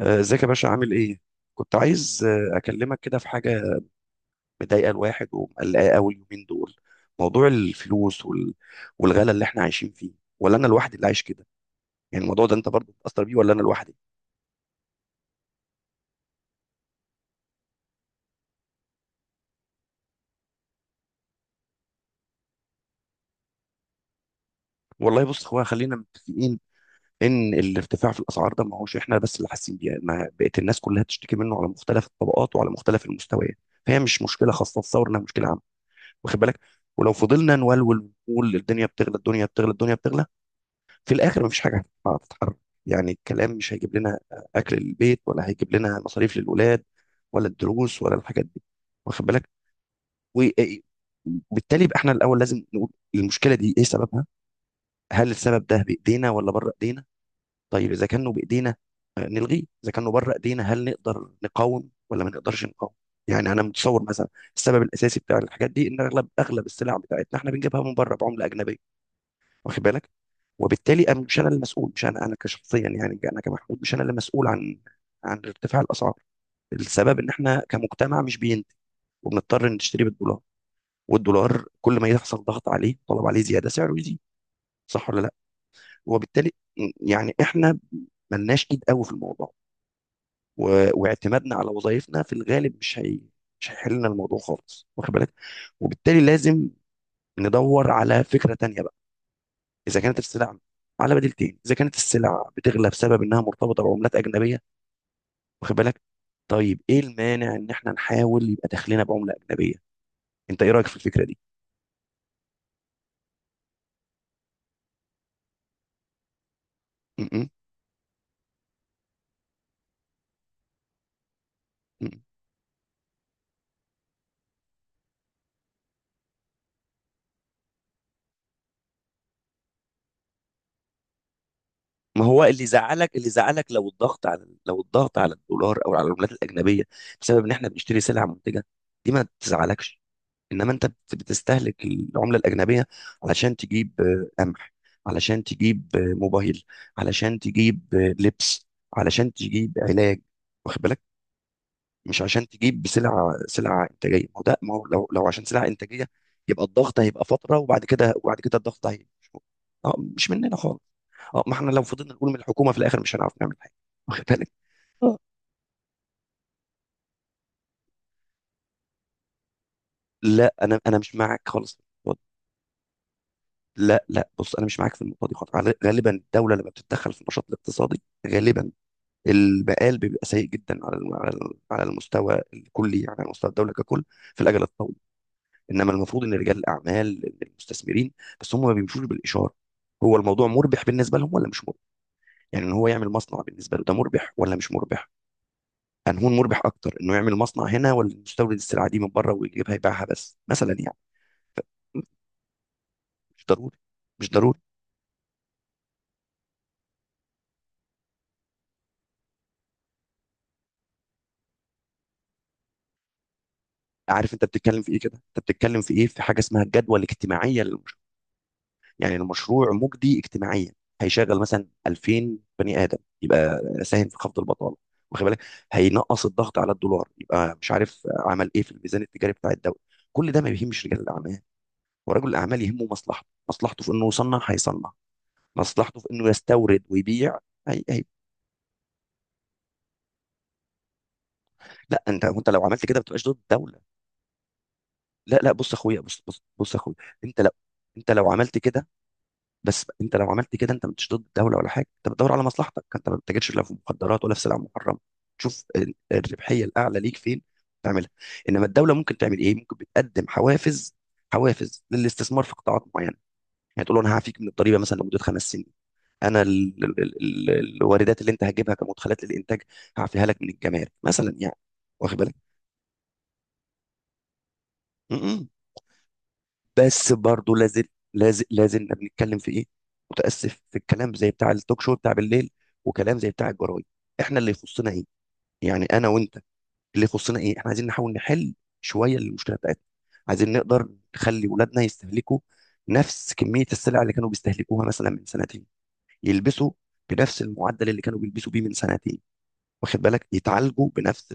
آه، ازيك يا باشا عامل ايه؟ كنت عايز اكلمك كده في حاجه. مضايقه الواحد ومقلقاه قوي اليومين دول. موضوع الفلوس والغلا اللي احنا عايشين فيه، ولا انا لوحدي اللي عايش كده؟ يعني الموضوع ده انت برضه بتأثر بيه ولا انا لوحدي؟ والله بص، هو خلينا متفقين ان الارتفاع في الاسعار ده ما هوش احنا بس اللي حاسين بيه، ما بقت الناس كلها بتشتكي منه على مختلف الطبقات وعلى مختلف المستويات. فهي مش مشكله خاصه، تصور انها مشكله عامه. واخد بالك؟ ولو فضلنا نولول ونقول الدنيا بتغلى الدنيا بتغلى الدنيا بتغلى، في الاخر مفيش حاجه هتتحرك. يعني الكلام مش هيجيب لنا اكل للبيت، ولا هيجيب لنا مصاريف للولاد، ولا الدروس، ولا الحاجات دي. واخد بالك؟ وبالتالي يبقى احنا الاول لازم نقول المشكله دي ايه سببها. هل السبب ده بايدينا ولا بره ايدينا؟ طيب اذا كانه بايدينا نلغيه، اذا كانه بره ايدينا هل نقدر نقاوم ولا ما نقدرش نقاوم؟ يعني انا متصور مثلا السبب الاساسي بتاع الحاجات دي ان اغلب السلع بتاعتنا احنا بنجيبها من بره بعمله اجنبيه. واخد بالك؟ وبالتالي مش انا المسؤول، مش انا كشخصيا، يعني انا كمحمود مش انا اللي مسؤول عن عن ارتفاع الاسعار. السبب ان احنا كمجتمع مش بينتج، وبنضطر نشتري بالدولار، والدولار كل ما يحصل ضغط عليه طلب عليه زياده سعره يزيد. صح ولا لا؟ وبالتالي يعني احنا ملناش ايد قوي في الموضوع و... واعتمادنا على وظائفنا في الغالب مش هيحل لنا الموضوع خالص. واخد بالك؟ وبالتالي لازم ندور على فكره تانيه. اذا كانت السلع على بديلتين، اذا كانت السلع بتغلى بسبب انها مرتبطه بعملات اجنبيه، واخد بالك، طيب ايه المانع ان احنا نحاول يبقى دخلنا بعمله اجنبيه؟ انت ايه رايك في الفكره دي؟ م- م- م. ما هو اللي زعلك، لو الضغط على الدولار او على العملات الاجنبيه بسبب ان احنا بنشتري سلع منتجه، دي ما تزعلكش. انما انت بتستهلك العمله الاجنبيه علشان تجيب قمح، علشان تجيب موبايل، علشان تجيب لبس، علشان تجيب علاج، واخد بالك؟ مش عشان تجيب سلعه انتاجيه. ما هو ده ما هو لو لو عشان سلعه انتاجيه يبقى الضغط هيبقى فتره، وبعد كده الضغط هيبقى مش موجود. اه، مش مننا خالص. اه، ما احنا لو فضلنا نقول من الحكومه في الاخر مش هنعرف نعمل حاجه، واخد بالك. آه. لا، انا مش معاك خالص. لا لا، بص انا مش معاك في النقطه دي خالص. غالبا الدوله لما بتتدخل في النشاط الاقتصادي غالبا المقال بيبقى سيء جدا على المستوى الكلي، يعني على مستوى الدوله ككل في الاجل الطويل. انما المفروض ان رجال الاعمال، إن المستثمرين، بس هم ما بيمشوش بالاشاره. هو الموضوع مربح بالنسبه لهم ولا مش مربح؟ يعني ان هو يعمل مصنع بالنسبه له ده مربح ولا مش مربح؟ انهون مربح اكتر، انه يعمل مصنع هنا ولا يستورد السلعه دي من بره ويجيبها يبيعها بس مثلا يعني. مش ضروري، مش ضروري. عارف انت بتتكلم في ايه كده؟ انت بتتكلم في ايه في حاجه اسمها الجدوى الاجتماعيه للمشروع، يعني المشروع مجدي اجتماعيا، هيشغل مثلا 2000 بني ادم، يبقى ساهم في خفض البطاله، واخد بالك، هينقص الضغط على الدولار، يبقى مش عارف عمل ايه في الميزان التجاري بتاع الدوله. كل ده ما يهمش رجال الاعمال. ورجل الاعمال يهمه مصلحته، مصلحته في انه يصنع هيصنع، مصلحته في انه يستورد ويبيع. هي هي. لا، انت لو عملت كده ما بتبقاش ضد الدوله. لا لا، بص يا اخويا، بص بص بص يا اخويا. انت لو انت لو عملت كده، بس انت لو عملت كده انت مش ضد الدوله ولا حاجه، انت بتدور على مصلحتك، انت ما بتتاجرش لا في مخدرات ولا في سلع محرمه، تشوف الربحيه الاعلى ليك فين، تعملها. انما الدوله ممكن تعمل ايه؟ ممكن بتقدم حوافز، حوافز للاستثمار في قطاعات معينه. يعني تقول له انا هعفيك من الضريبه مثلا لمده 5 سنين، انا الواردات اللي انت هتجيبها كمدخلات للانتاج هعفيها لك من الجمارك مثلا يعني. واخد بالك؟ م- م. بس برضه لازلنا بنتكلم في ايه؟ متاسف، في الكلام زي بتاع التوك شو بتاع بالليل، وكلام زي بتاع الجرايد. احنا اللي يخصنا ايه؟ يعني انا وانت اللي يخصنا ايه؟ احنا عايزين نحاول نحل شويه المشكله بتاعتنا. عايزين نقدر نخلي اولادنا يستهلكوا نفس كميه السلع اللي كانوا بيستهلكوها مثلا من سنتين، يلبسوا بنفس المعدل اللي كانوا بيلبسوا بيه من سنتين، واخد بالك، يتعالجوا بنفس.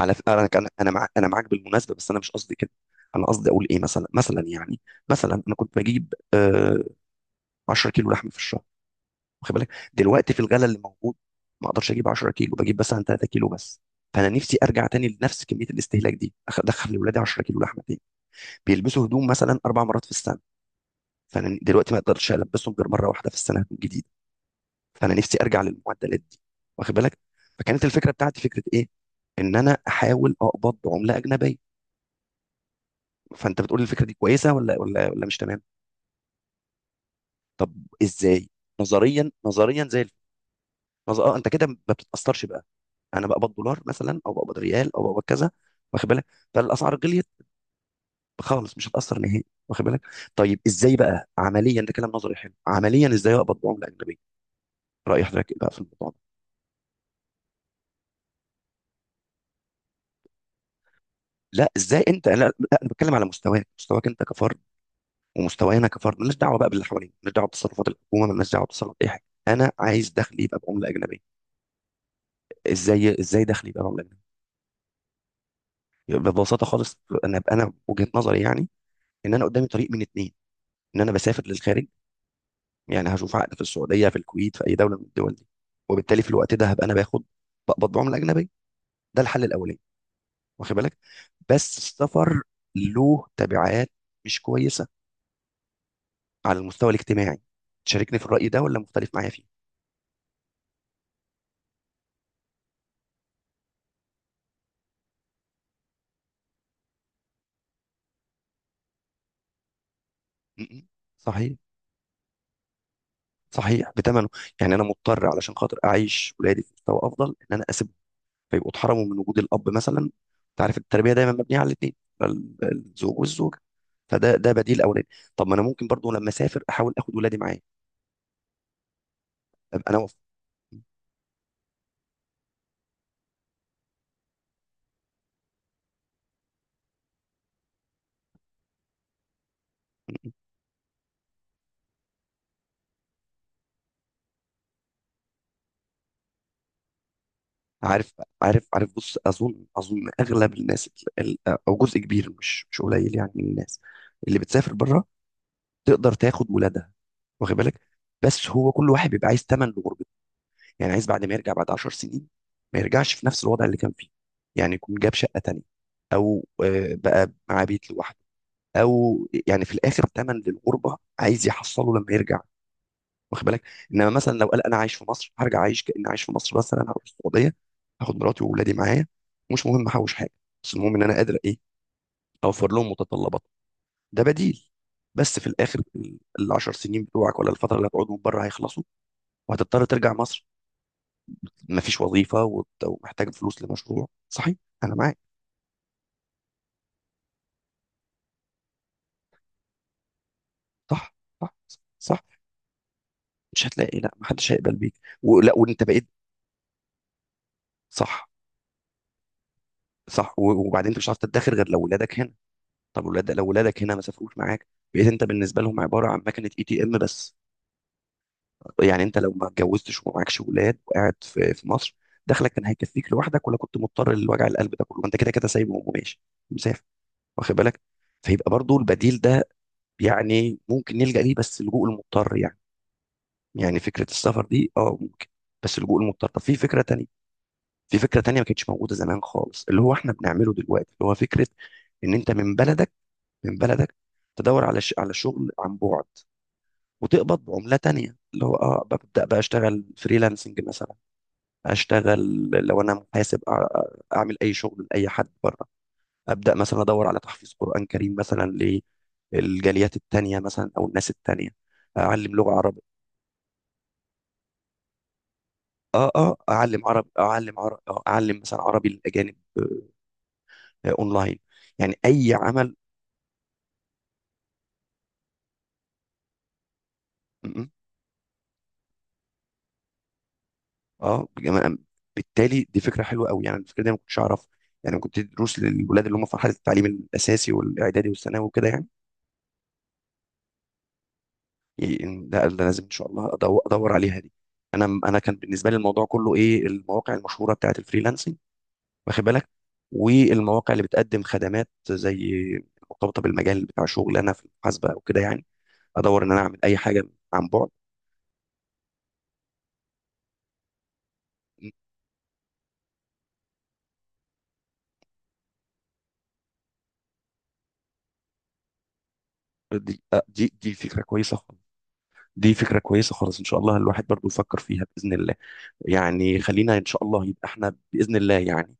انا كان انا معاك بالمناسبه، بس انا مش قصدي كده. انا قصدي اقول ايه، مثلا يعني، مثلا انا كنت بجيب 10 كيلو لحمه في الشهر، واخد بالك، دلوقتي في الغلا اللي موجود ما اقدرش اجيب 10 كيلو، بجيب مثلا 3 كيلو بس. فانا نفسي ارجع تاني لنفس كميه الاستهلاك دي، ادخل لاولادي 10 كيلو لحمه تاني. بيلبسوا هدوم مثلا 4 مرات في السنه، فانا دلوقتي ما اقدرش البسهم غير مره واحده في السنه هدوم جديده. فانا نفسي ارجع للمعدلات دي، واخد بالك. فكانت الفكره بتاعتي فكره ايه؟ ان انا احاول اقبض بعمله اجنبيه. فانت بتقول الفكره دي كويسه ولا مش تمام؟ طب ازاي؟ نظريا زي الف- نظ... اه انت كده ما بتتاثرش بقى. انا بقبض دولار مثلا، او بقبض ريال، او بقبض كذا. واخد بالك؟ فالاسعار غليت، خالص مش هتاثر نهائي، واخد بالك. طيب ازاي بقى عمليا؟ ده كلام نظري حلو، عمليا ازاي اقبض بعمله اجنبيه؟ راي حضرتك إيه بقى في الموضوع ده؟ لا ازاي انت، لا، لا. انا بتكلم على مستواك، مستواك انت كفرد، ومستوانا كفرد. مالناش دعوه بقى باللي حوالينا، مالناش دعوه بتصرفات الحكومه، مالناش دعوه بتصرفات اي حاجه. انا عايز دخلي يبقى بعمله اجنبيه. ازاي ازاي دخلي يبقى بعمله أجنبية؟ ببساطه خالص. انا وجهه نظري يعني ان انا قدامي طريق من اتنين. ان انا بسافر للخارج، يعني هشوف عقد في السعوديه، في الكويت، في اي دوله من الدول دي، وبالتالي في الوقت ده هبقى انا باخد، بقبض بعمله اجنبيه. ده الحل الاولاني، واخد بالك. بس السفر له تبعات مش كويسه على المستوى الاجتماعي. تشاركني في الراي ده ولا مختلف معايا فيه؟ م- م. صحيح. صحيح، بتمنه، يعني انا مضطر علشان خاطر اعيش ولادي في مستوى افضل ان انا اسيب، فيبقوا اتحرموا من وجود الاب مثلا. انت عارف التربيه دايما مبنيه على الاثنين، الزوج والزوجه. فده ده بديل اولاني. طب ما انا ممكن برضو لما اسافر احاول اخد ولادي معايا، ابقى انا عارف عارف عارف. بص، اظن اغلب الناس، ال- او جزء كبير مش قليل يعني من الناس اللي بتسافر بره، تقدر تاخد ولادها، واخد بالك. بس هو كل واحد بيبقى عايز ثمن لغربته. يعني عايز بعد ما يرجع بعد 10 سنين ما يرجعش في نفس الوضع اللي كان فيه، يعني يكون جاب شقة تانية، او بقى معاه بيت لوحده، او يعني في الاخر ثمن للغربة عايز يحصله لما يرجع. واخد بالك؟ انما مثلا لو قال انا عايش في مصر هرجع اعيش كاني عايش في مصر، بس انا هروح السعودية هاخد مراتي واولادي معايا، مش مهم احوش حاجة، بس المهم ان انا قادر ايه، اوفر لهم متطلبات. ده بديل. بس في الاخر ال 10 سنين بتوعك ولا الفتره اللي هتقعدهم بره هيخلصوا، وهتضطر ترجع مصر. ما فيش وظيفه، ومحتاج فلوس لمشروع، صحيح، انا معاك. صح، صح، صح، مش هتلاقي، لا، ما حدش هيقبل بيك ولا وانت بقيت. صح، صح، وبعدين انت مش هتعرف تدخر غير لو ولادك هنا. طب لو ولادك هنا ما سافروش معاك، بقيت انت بالنسبه لهم عباره عن مكنه ATM بس. يعني انت لو ما اتجوزتش وما معكش ولاد وقاعد في مصر، دخلك كان هيكفيك لوحدك ولا كنت مضطر لوجع القلب ده كله، وانت كده كده سايبهم وماشي مسافر، واخد بالك؟ فيبقى برضو البديل ده يعني ممكن نلجأ ليه بس لجوء المضطر. يعني يعني فكرة السفر دي اه ممكن، بس اللجوء المضطر. طب في فكرة تانية، في فكرة تانية ما كانتش موجودة زمان خالص، اللي هو احنا بنعمله دلوقتي، اللي هو فكرة ان انت من بلدك، من بلدك تدور على شغل عن بعد وتقبض بعملة تانية، اللي هو ببدأ بقى اشتغل فريلانسنج مثلا. اشتغل لو انا محاسب، اعمل اي شغل لاي حد بره. ابدأ مثلا ادور على تحفيظ قرآن كريم مثلا للجاليات التانية مثلا او الناس التانية. اعلم لغة عربية. اه اعلم عربي، اعلم عربي، اعلم مثلا عربي للاجانب، اونلاين، يعني اي عمل. م- م. اه بجم- بالتالي دي فكره حلوه قوي، يعني الفكره دي أنا ما كنتش اعرفها، يعني كنت دروس للولاد اللي هم في مرحله التعليم الاساسي والاعدادي والثانوي وكده يعني. ده ده لازم ان شاء الله ادور عليها دي. انا كان بالنسبه لي الموضوع كله ايه؟ المواقع المشهوره بتاعت الفريلانسنج، واخد بالك، والمواقع اللي بتقدم خدمات زي، مرتبطه بالمجال بتاع شغل انا في المحاسبه او كده يعني، ادور ان انا اعمل اي حاجه عن بعد. دي فكره كويسه خالص. دي فكره كويسه خالص، ان شاء الله الواحد برضو يفكر فيها باذن الله. يعني خلينا ان شاء الله يبقى احنا باذن الله يعني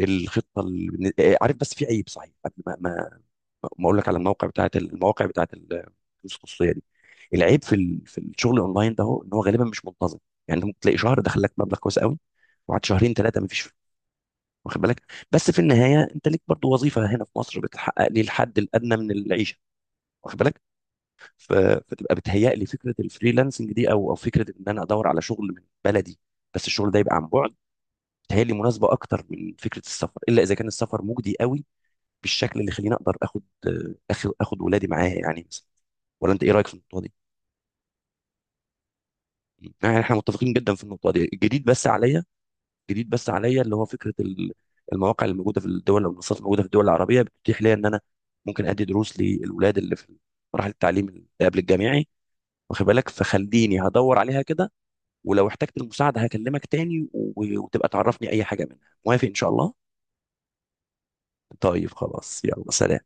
الخطه اللي... بن- آه، عارف، بس في عيب صحيح قبل ما ما اقول لك على الموقع بتاعت المواقع بتاعت الدروس الخصوصيه دي. العيب في الشغل اونلاين ده هو ان هو غالبا مش منتظم. يعني انت ممكن تلاقي شهر دخل لك مبلغ كويس قوي، وبعد شهرين ثلاثه ما فيش، واخد بالك. بس في النهايه انت ليك برضو وظيفه هنا في مصر بتحقق لي الحد الادنى من العيشه، واخد بالك. ف- فتبقى بتهيأ لي فكره الفريلانسنج دي، او او فكره ان انا ادور على شغل من بلدي بس الشغل ده يبقى عن بعد، بتهيأ لي مناسبه اكتر من فكره السفر، الا اذا كان السفر مجدي قوي بالشكل اللي يخليني اقدر اخد اخد اخد ولادي معايا يعني مثلا. ولا انت ايه رايك في النقطه دي؟ يعني احنا متفقين جدا في النقطه دي. الجديد بس عليا، الجديد بس عليا اللي هو فكره المواقع اللي موجوده في الدول او المنصات الموجوده في الدول العربيه بتتيح ليا ان انا ممكن ادي دروس للولاد اللي في مراحل التعليم اللي قبل الجامعي، واخد بالك. فخليني هدور عليها كده، ولو احتجت المساعدة هكلمك تاني، وتبقى تعرفني أي حاجة منها. موافق إن شاء الله؟ طيب خلاص، يلا سلام.